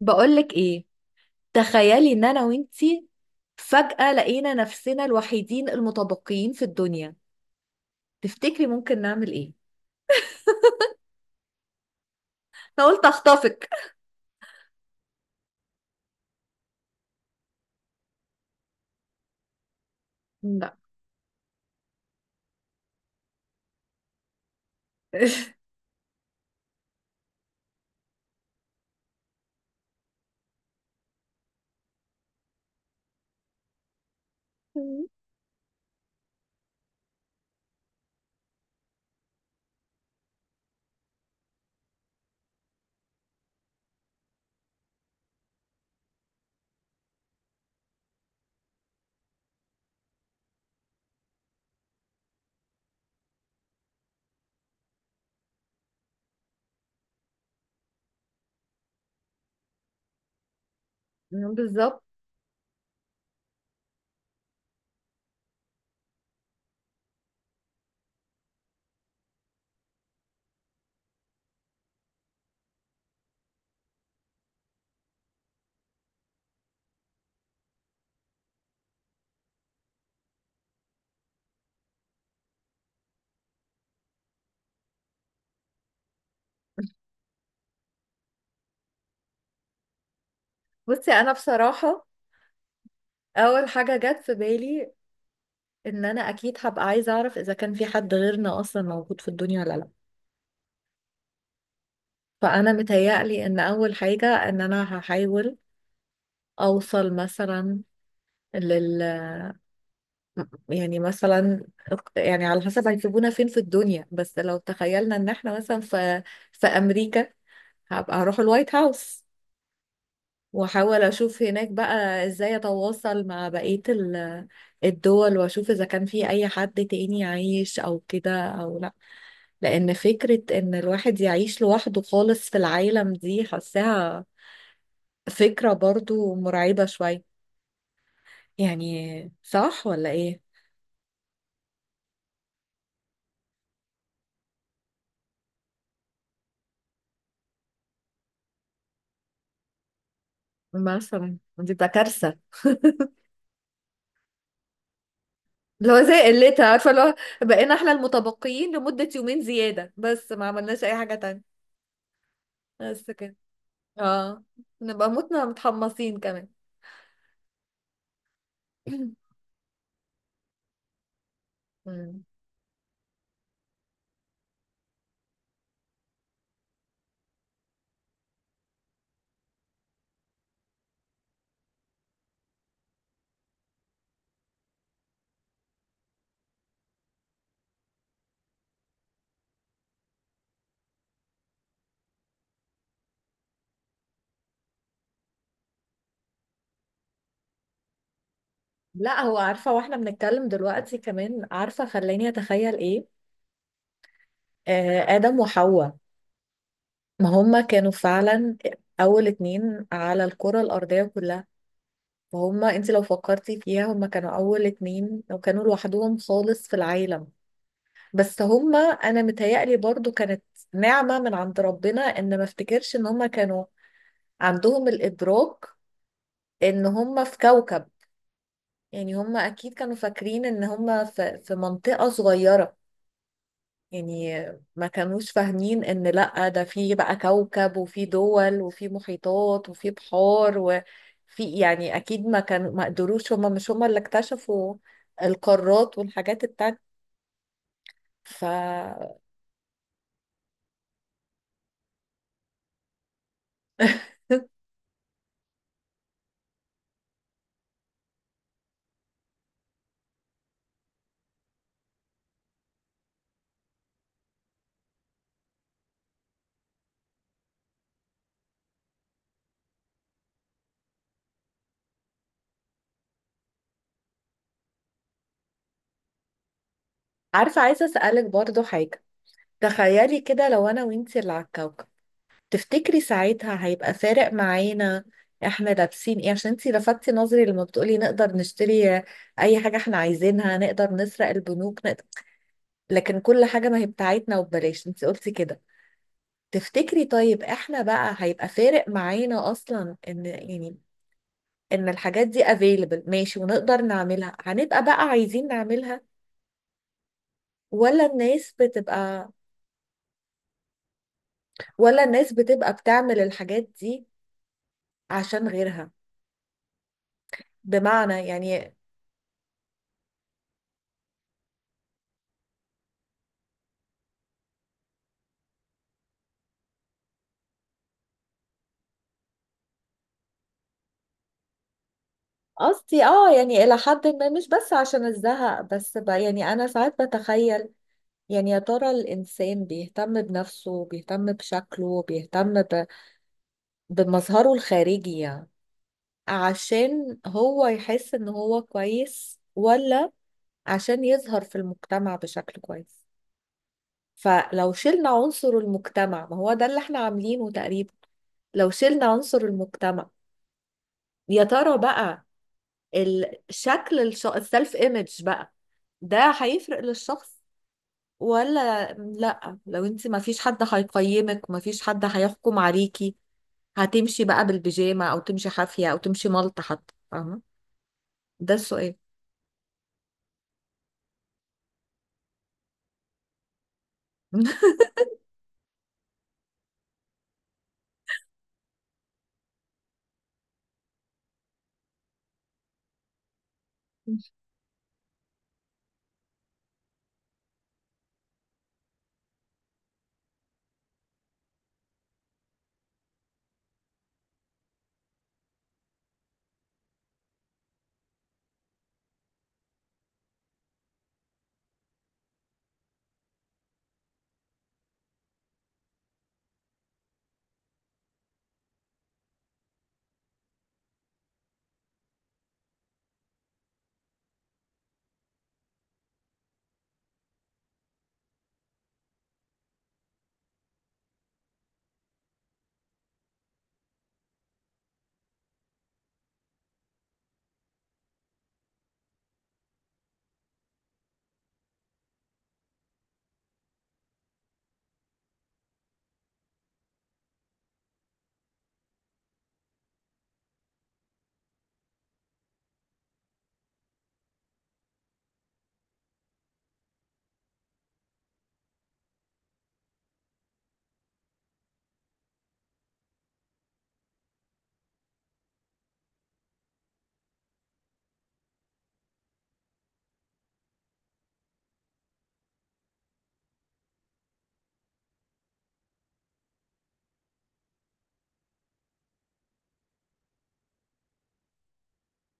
بقولك ايه؟ تخيلي ان انا وانتي فجأة لقينا نفسنا الوحيدين المتبقيين في الدنيا، تفتكري ممكن نعمل ايه؟ انا قلت اخطفك. لا. بالظبط. بصي، انا بصراحة اول حاجة جت في بالي ان انا اكيد هبقى عايزة اعرف اذا كان في حد غيرنا اصلا موجود في الدنيا ولا لا. فانا متهيألي ان اول حاجة ان انا هحاول اوصل مثلا لل يعني مثلا، يعني على حسب هيسيبونا فين في الدنيا، بس لو تخيلنا ان احنا مثلا في في امريكا، هبقى هروح الوايت هاوس واحاول اشوف هناك بقى ازاي اتواصل مع بقية الدول، واشوف اذا كان في اي حد تاني عايش او كده او لا. لان فكرة ان الواحد يعيش لوحده خالص في العالم دي، حاساها فكرة برضو مرعبة شوية. يعني صح ولا ايه؟ مثلا دي بقى كارثة. اللي هو زي قلتها، عارفه اللي هو بقينا احنا المتبقيين لمده يومين زياده بس ما عملناش اي حاجه تانية. بس كده. اه، نبقى متنا متحمصين كمان. مم. لا، هو عارفه واحنا بنتكلم دلوقتي كمان، عارفه خلاني اتخيل ايه؟ آه، ادم وحواء. ما هما كانوا فعلا اول اتنين على الكره الارضيه كلها. وهما، انت لو فكرتي فيها، هما كانوا اول اتنين وكانوا لوحدهم خالص في العالم. بس هما انا متهيألي برضو كانت نعمة من عند ربنا ان ما افتكرش ان هما كانوا عندهم الادراك ان هما في كوكب. يعني هما اكيد كانوا فاكرين ان هما في منطقة صغيرة. يعني ما كانوش فاهمين ان لا، ده في بقى كوكب وفي دول وفي محيطات وفي بحار وفي، يعني اكيد ما كانوا، ما قدروش، هما مش هما اللي اكتشفوا القارات والحاجات التانية. ف عارفة، عايزة اسألك برضو حاجة. تخيلي كده لو انا وانتي اللي على الكوكب، تفتكري ساعتها هيبقى فارق معانا احنا لابسين ايه؟ عشان انتي لفتي نظري لما بتقولي نقدر نشتري اي حاجة احنا عايزينها، نقدر نسرق البنوك، نقدر. لكن كل حاجة ما هي بتاعتنا وببلاش، انتي قلتي كده. تفتكري طيب احنا بقى هيبقى فارق معانا اصلا ان يعني ان الحاجات دي available ماشي، ونقدر نعملها هنبقى بقى عايزين نعملها، ولا الناس بتبقى، ولا الناس بتبقى بتعمل الحاجات دي عشان غيرها؟ بمعنى يعني، قصدي اه يعني الى حد ما، مش بس عشان الزهق، بس ب يعني انا ساعات بتخيل يعني يا ترى الانسان بيهتم بنفسه، بيهتم بشكله، بيهتم ب، بمظهره الخارجي يعني، عشان هو يحس ان هو كويس، ولا عشان يظهر في المجتمع بشكل كويس؟ فلو شلنا عنصر المجتمع، ما هو ده اللي احنا عاملينه تقريبا. لو شلنا عنصر المجتمع، يا ترى بقى الشكل، الش، السلف ايمج بقى، ده هيفرق للشخص ولا لا؟ لو انت ما فيش حد هيقيمك، ما فيش حد هيحكم عليكي، هتمشي بقى بالبيجامه او تمشي حافيه او تمشي ملط حتى، فاهمه؟ ده السؤال.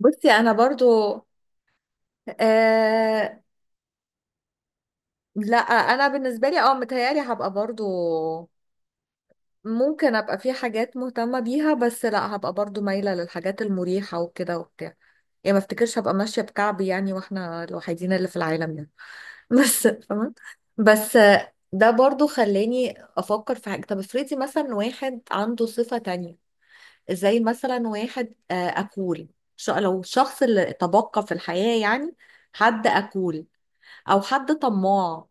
بصي انا برضو آه، لا انا بالنسبه لي اه متهيالي هبقى برضو ممكن ابقى في حاجات مهتمة بيها، بس لا، هبقى برضو مايلة للحاجات المريحة وكده وبتاع. يعني ما افتكرش هبقى ماشية بكعبي يعني واحنا الوحيدين اللي في العالم يعني. بس فاهمة. بس ده برضو خلاني افكر في حاجة. طب افرضي مثلا واحد عنده صفة تانية، زي مثلا واحد آه، اكول. لو الشخص اللي تبقى في الحياة يعني حد اكول، او حد طماع،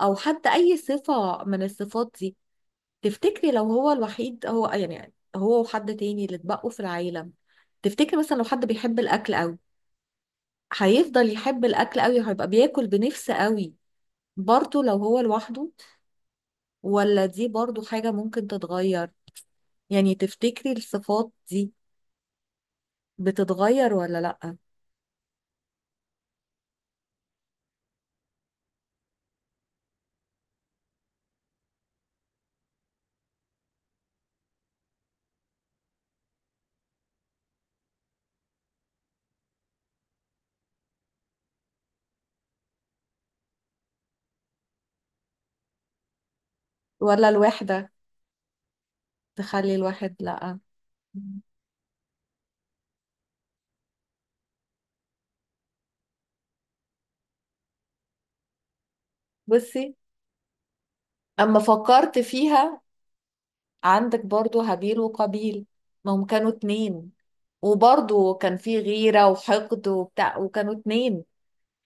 او حد اي صفة من الصفات دي، تفتكري لو هو الوحيد، هو يعني هو وحد تاني اللي اتبقوا في العالم، تفتكري مثلا لو حد بيحب الاكل قوي، هيفضل يحب الاكل قوي، هيبقى بياكل بنفسه قوي برضه لو هو لوحده؟ ولا دي برضه حاجة ممكن تتغير؟ يعني تفتكري الصفات دي بتتغير ولا لأ؟ ولا الوحدة تخلي الواحد لأ؟ بصي، اما فكرت فيها، عندك برضو هابيل وقابيل. ما هم كانوا اتنين وبرضو كان في غيرة وحقد وبتاع، وكانوا اتنين.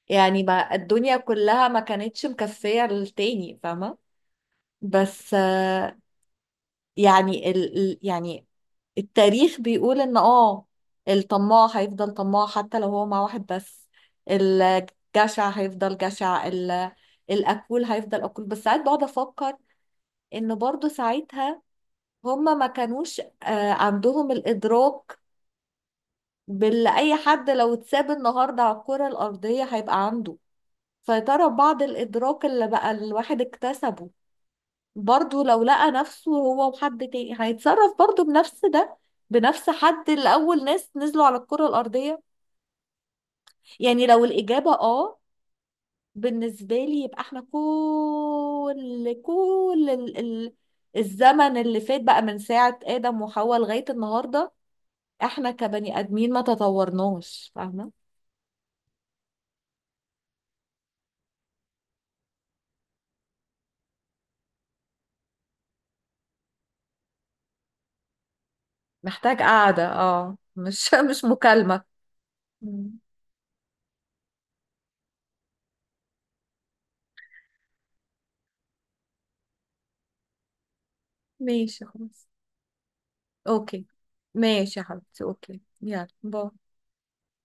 يعني ما الدنيا كلها ما كانتش مكفية للتاني، فاهمة؟ بس آه، يعني يعني التاريخ بيقول ان اه الطماع هيفضل طماع حتى لو هو مع واحد بس، الجشع هيفضل جشع، الأكول هيفضل أكول. بس ساعات بقعد أفكر إن برضو ساعتها هما ما كانوش آه، عندهم الإدراك باللي أي حد لو اتساب النهاردة على الكرة الأرضية هيبقى عنده. فترى بعض الإدراك اللي بقى الواحد اكتسبه، برضه لو لقى نفسه هو وحد تاني، هيتصرف برضه بنفس ده، بنفس حد اللي أول ناس نزلوا على الكرة الأرضية. يعني لو الإجابة آه، بالنسبة لي، يبقى احنا كل الزمن اللي فات بقى من ساعة آدم وحواء لغاية النهاردة، احنا كبني ادمين ما تطورناش، فاهمه؟ محتاج قعده اه، مش مش مكالمه. مم. ماشي، خلاص. اوكي، ماشي يا حبيبتي. اوكي يلا باي.